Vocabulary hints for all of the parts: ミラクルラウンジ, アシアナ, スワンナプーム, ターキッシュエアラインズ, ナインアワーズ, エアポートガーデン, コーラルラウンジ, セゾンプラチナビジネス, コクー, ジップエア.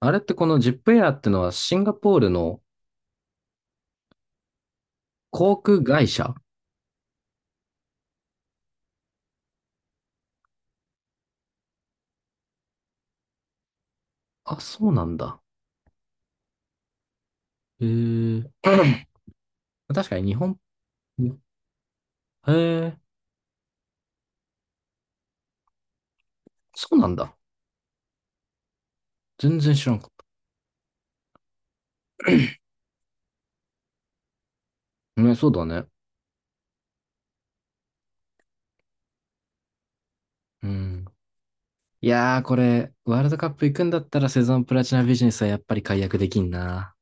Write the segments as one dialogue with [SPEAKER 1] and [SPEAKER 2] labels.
[SPEAKER 1] あれってこのジップエアってのはシンガポールの航空会社？あ、そうなんだ。へえ。確かに日本、にへえ、そうなんだ。全然知らんかった。ね、そうだね。うん。いやー、これ、ワールドカップ行くんだったらセゾンプラチナビジネスはやっぱり解約できんな。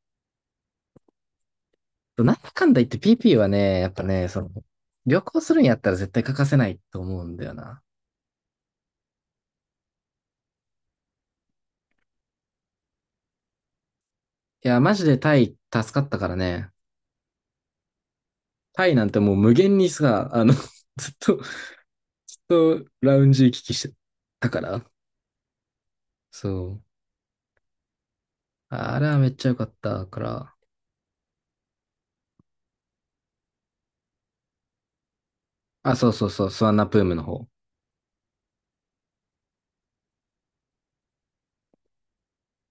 [SPEAKER 1] なんだかんだ言って PP はね、やっぱね、その、旅行するんやったら絶対欠かせないと思うんだよな。いや、マジでタイ助かったからね。タイなんてもう無限にさ、ずっとずっとラウンジ行き来してたから。そう。あれはめっちゃ良かったから。あ、そうそうそう、スワンナプームの方。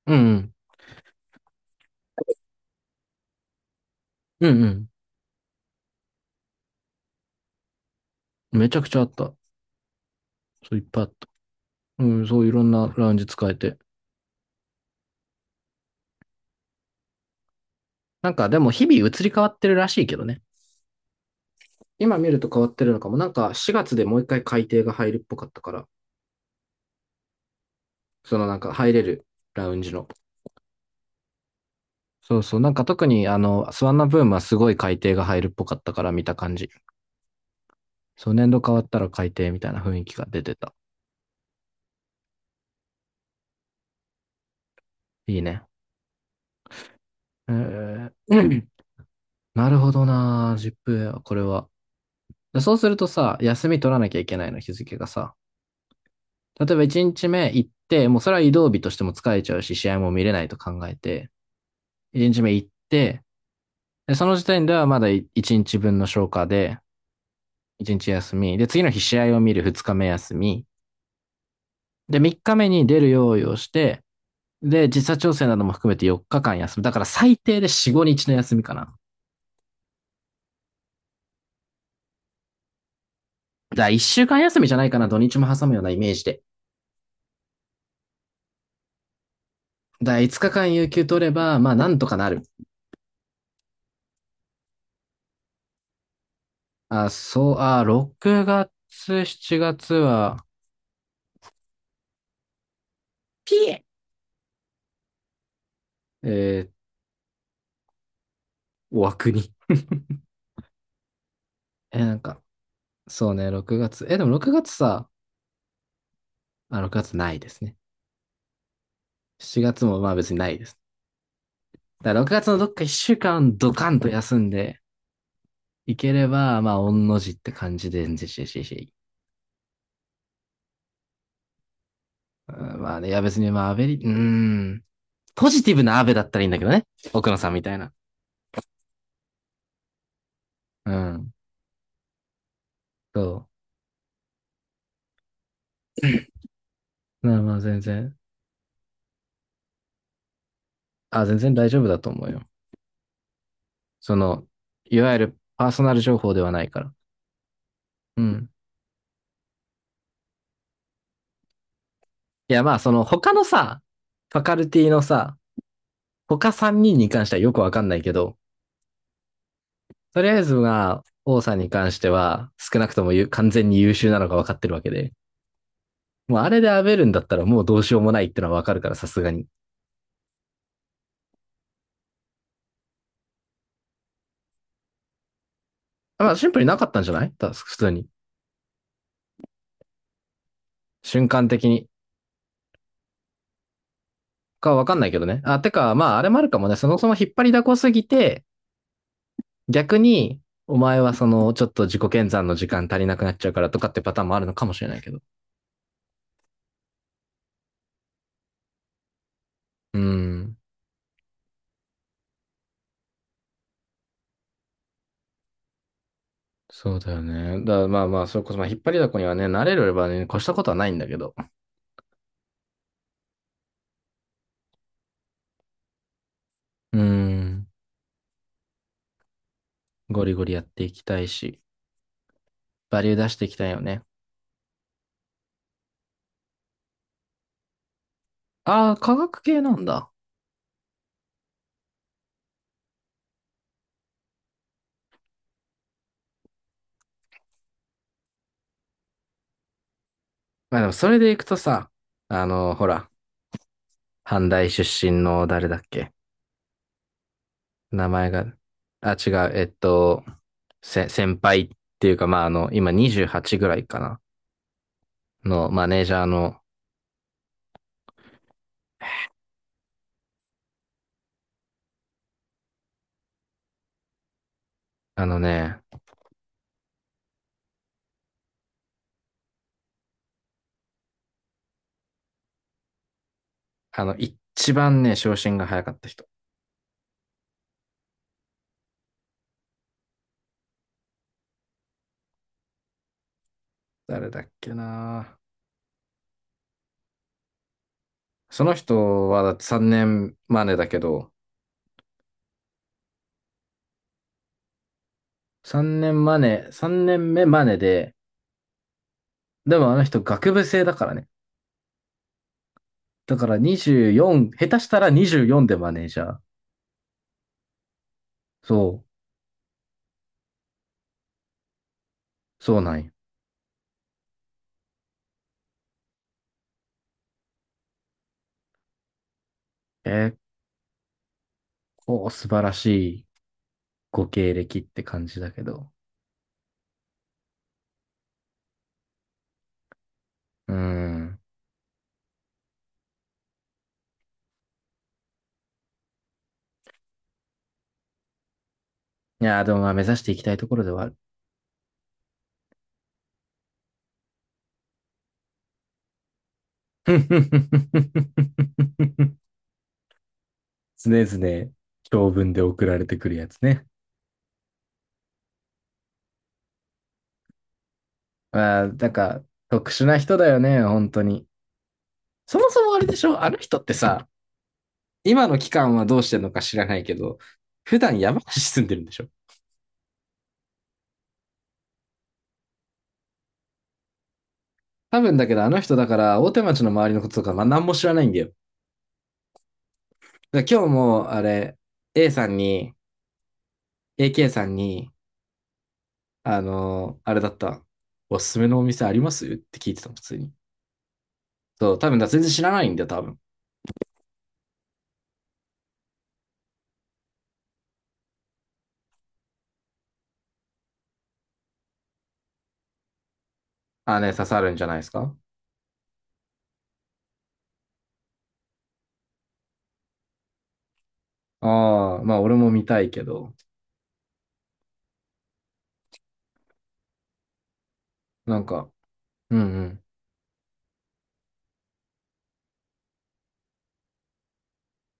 [SPEAKER 1] うんうん。うんうん。めちゃくちゃあった。そう、いっぱいあった。うん、そう、いろんなラウンジ使えて。なんか、でも日々移り変わってるらしいけどね。今見ると変わってるのかも。なんか、4月でもう一回改定が入るっぽかったから。そのなんか、入れるラウンジの。そうそう。なんか特に、スワンナブームはすごい改定が入るっぽかったから見た感じ。そう、年度変わったら改定みたいな雰囲気が出てた。いいね。えー、なるほどなー、ジップエア、これは。でそうするとさ、休み取らなきゃいけないの、日付がさ。例えば1日目行って、もうそれは移動日としても疲れちゃうし、試合も見れないと考えて、1日目行って、でその時点ではまだ1日分の消化で、1日休み、で、次の日試合を見る2日目休み、で、3日目に出る用意をして、で、時差調整なども含めて4日間休む。だから最低で4、5日の休みかな。だから1週間休みじゃないかな、土日も挟むようなイメージで。だから5日間有給取れば、まあなんとかなる。あ、そう、あ、6月、7月は、えー、お枠に。え、なんか、そうね、6月。え、でも6月さ、あ、6月ないですね。7月もまあ別にないです。だから6月のどっか1週間ドカンと休んでいければ、まあ、御の字って感じで、んぜししし。うんまあね、いや別にまあ、アベリ、うーん、ポジティブなアベだったらいいんだけどね。奥野さんみたいな。うん、そう。まあまあ全然。あ、全然大丈夫だと思うよ。その、いわゆるパーソナル情報ではないから。うん。いや、まあ、その他のさ、ファカルティのさ、他3人に関してはよくわかんないけど、とりあえずが、王さんに関しては、少なくとも完全に優秀なのがわかってるわけで。もうあれでアベるんだったらもうどうしようもないってのはわかるから、さすがに。まあ、シンプルになかったんじゃないた普通に。瞬間的に。かわかんないけどね。あ、てか、まあ、あれもあるかもね。そもそも引っ張りだこすぎて、逆に、お前はその、ちょっと自己研鑽の時間足りなくなっちゃうからとかってパターンもあるのかもしれないけど。うん。そうだよね。だからまあまあ、それこそ、まあ、引っ張りだこにはね、慣れればね、越したことはないんだけど。うん。ゴリゴリやっていきたいし、バリュー出していきたいよね。ああ、科学系なんだ。まあでも、それでいくとさ、ほら、阪大出身の誰だっけ名前が、あ、違う、先輩っていうか、まあ今28ぐらいかな。のマネージャーのあのね、一番ね、昇進が早かった人。誰だっけな。その人はだって3年マネだけど、3年目マネで、でもあの人学部生だからね。だから24、下手したら24でマネージャー。そう、そうなんよ。結構素晴らしいご経歴って感じだけど。うーん。いやー、でもまあ目指していきたいところではある。常々長文で送られてくるやつね。ああ、なんか特殊な人だよね、本当に。そもそもあれでしょあの人ってさ、今の期間はどうしてんのか知らないけど、普段山梨住んでるんでしょ多分だけどあの人だから大手町の周りのこととかまあ何も知らないんだよ。だから今日もあれ、A さんに、AK さんに、あれだった。おすすめのお店ありますって聞いてたの、普通に。そう、多分だ、全然知らないんだよ、多分。ああね、刺さるんじゃないですか。ああ、まあ俺も見たいけど、なんか、うんうん。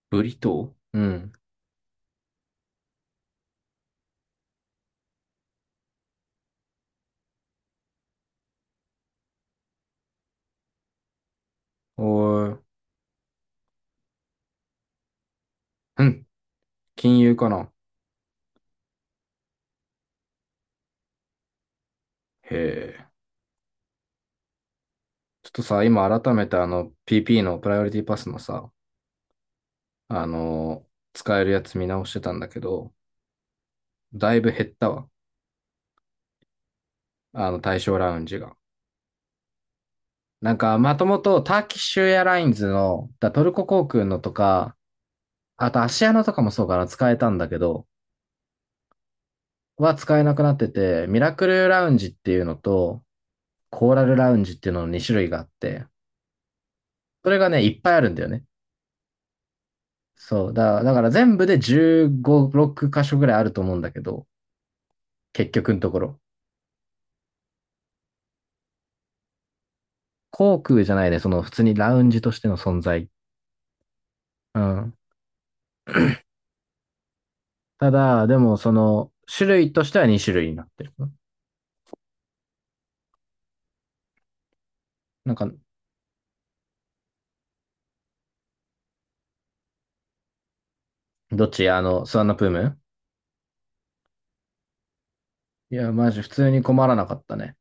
[SPEAKER 1] ブリトーうん。おー、うん。金融かな。へえ。ちょっとさ、今改めてあの PP のプライオリティパスのさ、あのー使えるやつ見直してたんだけど、だいぶ減ったわ。あの対象ラウンジが。なんか、まともとターキッシュエアラインズの、トルコ航空のとか、あとアシアナとかもそうかな、使えたんだけど、は使えなくなってて、ミラクルラウンジっていうのと、コーラルラウンジっていうのの2種類があって、それがね、いっぱいあるんだよね。そう。だから全部で15、6箇所ぐらいあると思うんだけど、結局のところ。航空じゃないね、その普通にラウンジとしての存在。うん。ただ、でもその種類としては2種類になってる。なんか、どっちスワンナプーム。いや、マジ普通に困らなかったね。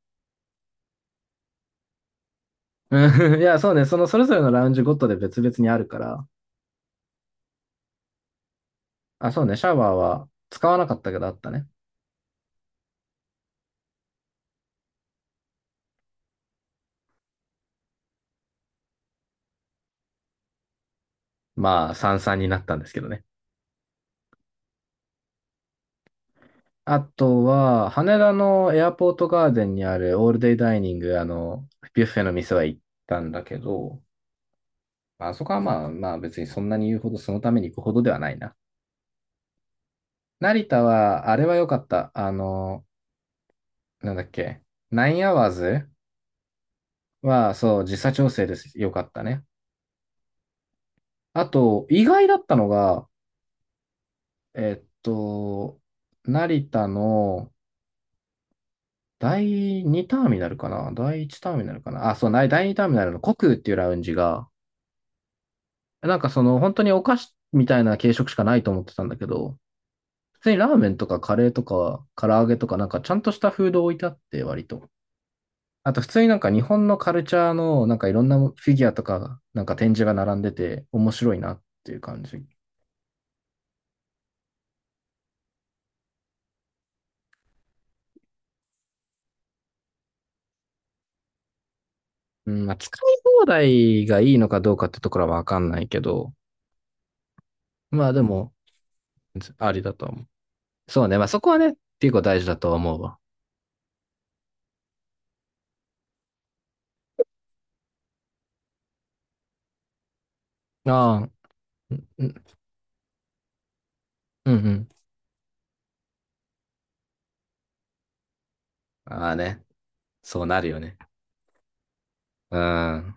[SPEAKER 1] うん いや、そうね、そのそれぞれのラウンジごとで別々にあるから、あ、そうね、シャワーは使わなかったけどあったね。まあ、三々になったんですけどね。あとは、羽田のエアポートガーデンにあるオールデイダイニング、ビュッフェの店は行ったんだけど、まああそこはまあまあ別にそんなに言うほどそのために行くほどではないな。成田は、あれは良かった。なんだっけ、ナインアワーズは、そう、時差調整です。良かったね。あと、意外だったのが、えっと、成田の第2ターミナルかな第1ターミナルかなあ、そう、な第2ターミナルのコクーっていうラウンジが、なんかその本当にお菓子みたいな軽食しかないと思ってたんだけど、普通にラーメンとかカレーとか唐揚げとかなんかちゃんとしたフード置いてあって割と。あと普通になんか日本のカルチャーのなんかいろんなフィギュアとかなんか展示が並んでて面白いなっていう感じ。うん、まあ使い放題がいいのかどうかってところはわかんないけど、まあでも、ありだと思う。そうね、まあそこはね、結構大事だと思うわ。ああ、うん、うん、うんうん。ああね、そうなるよね。うん。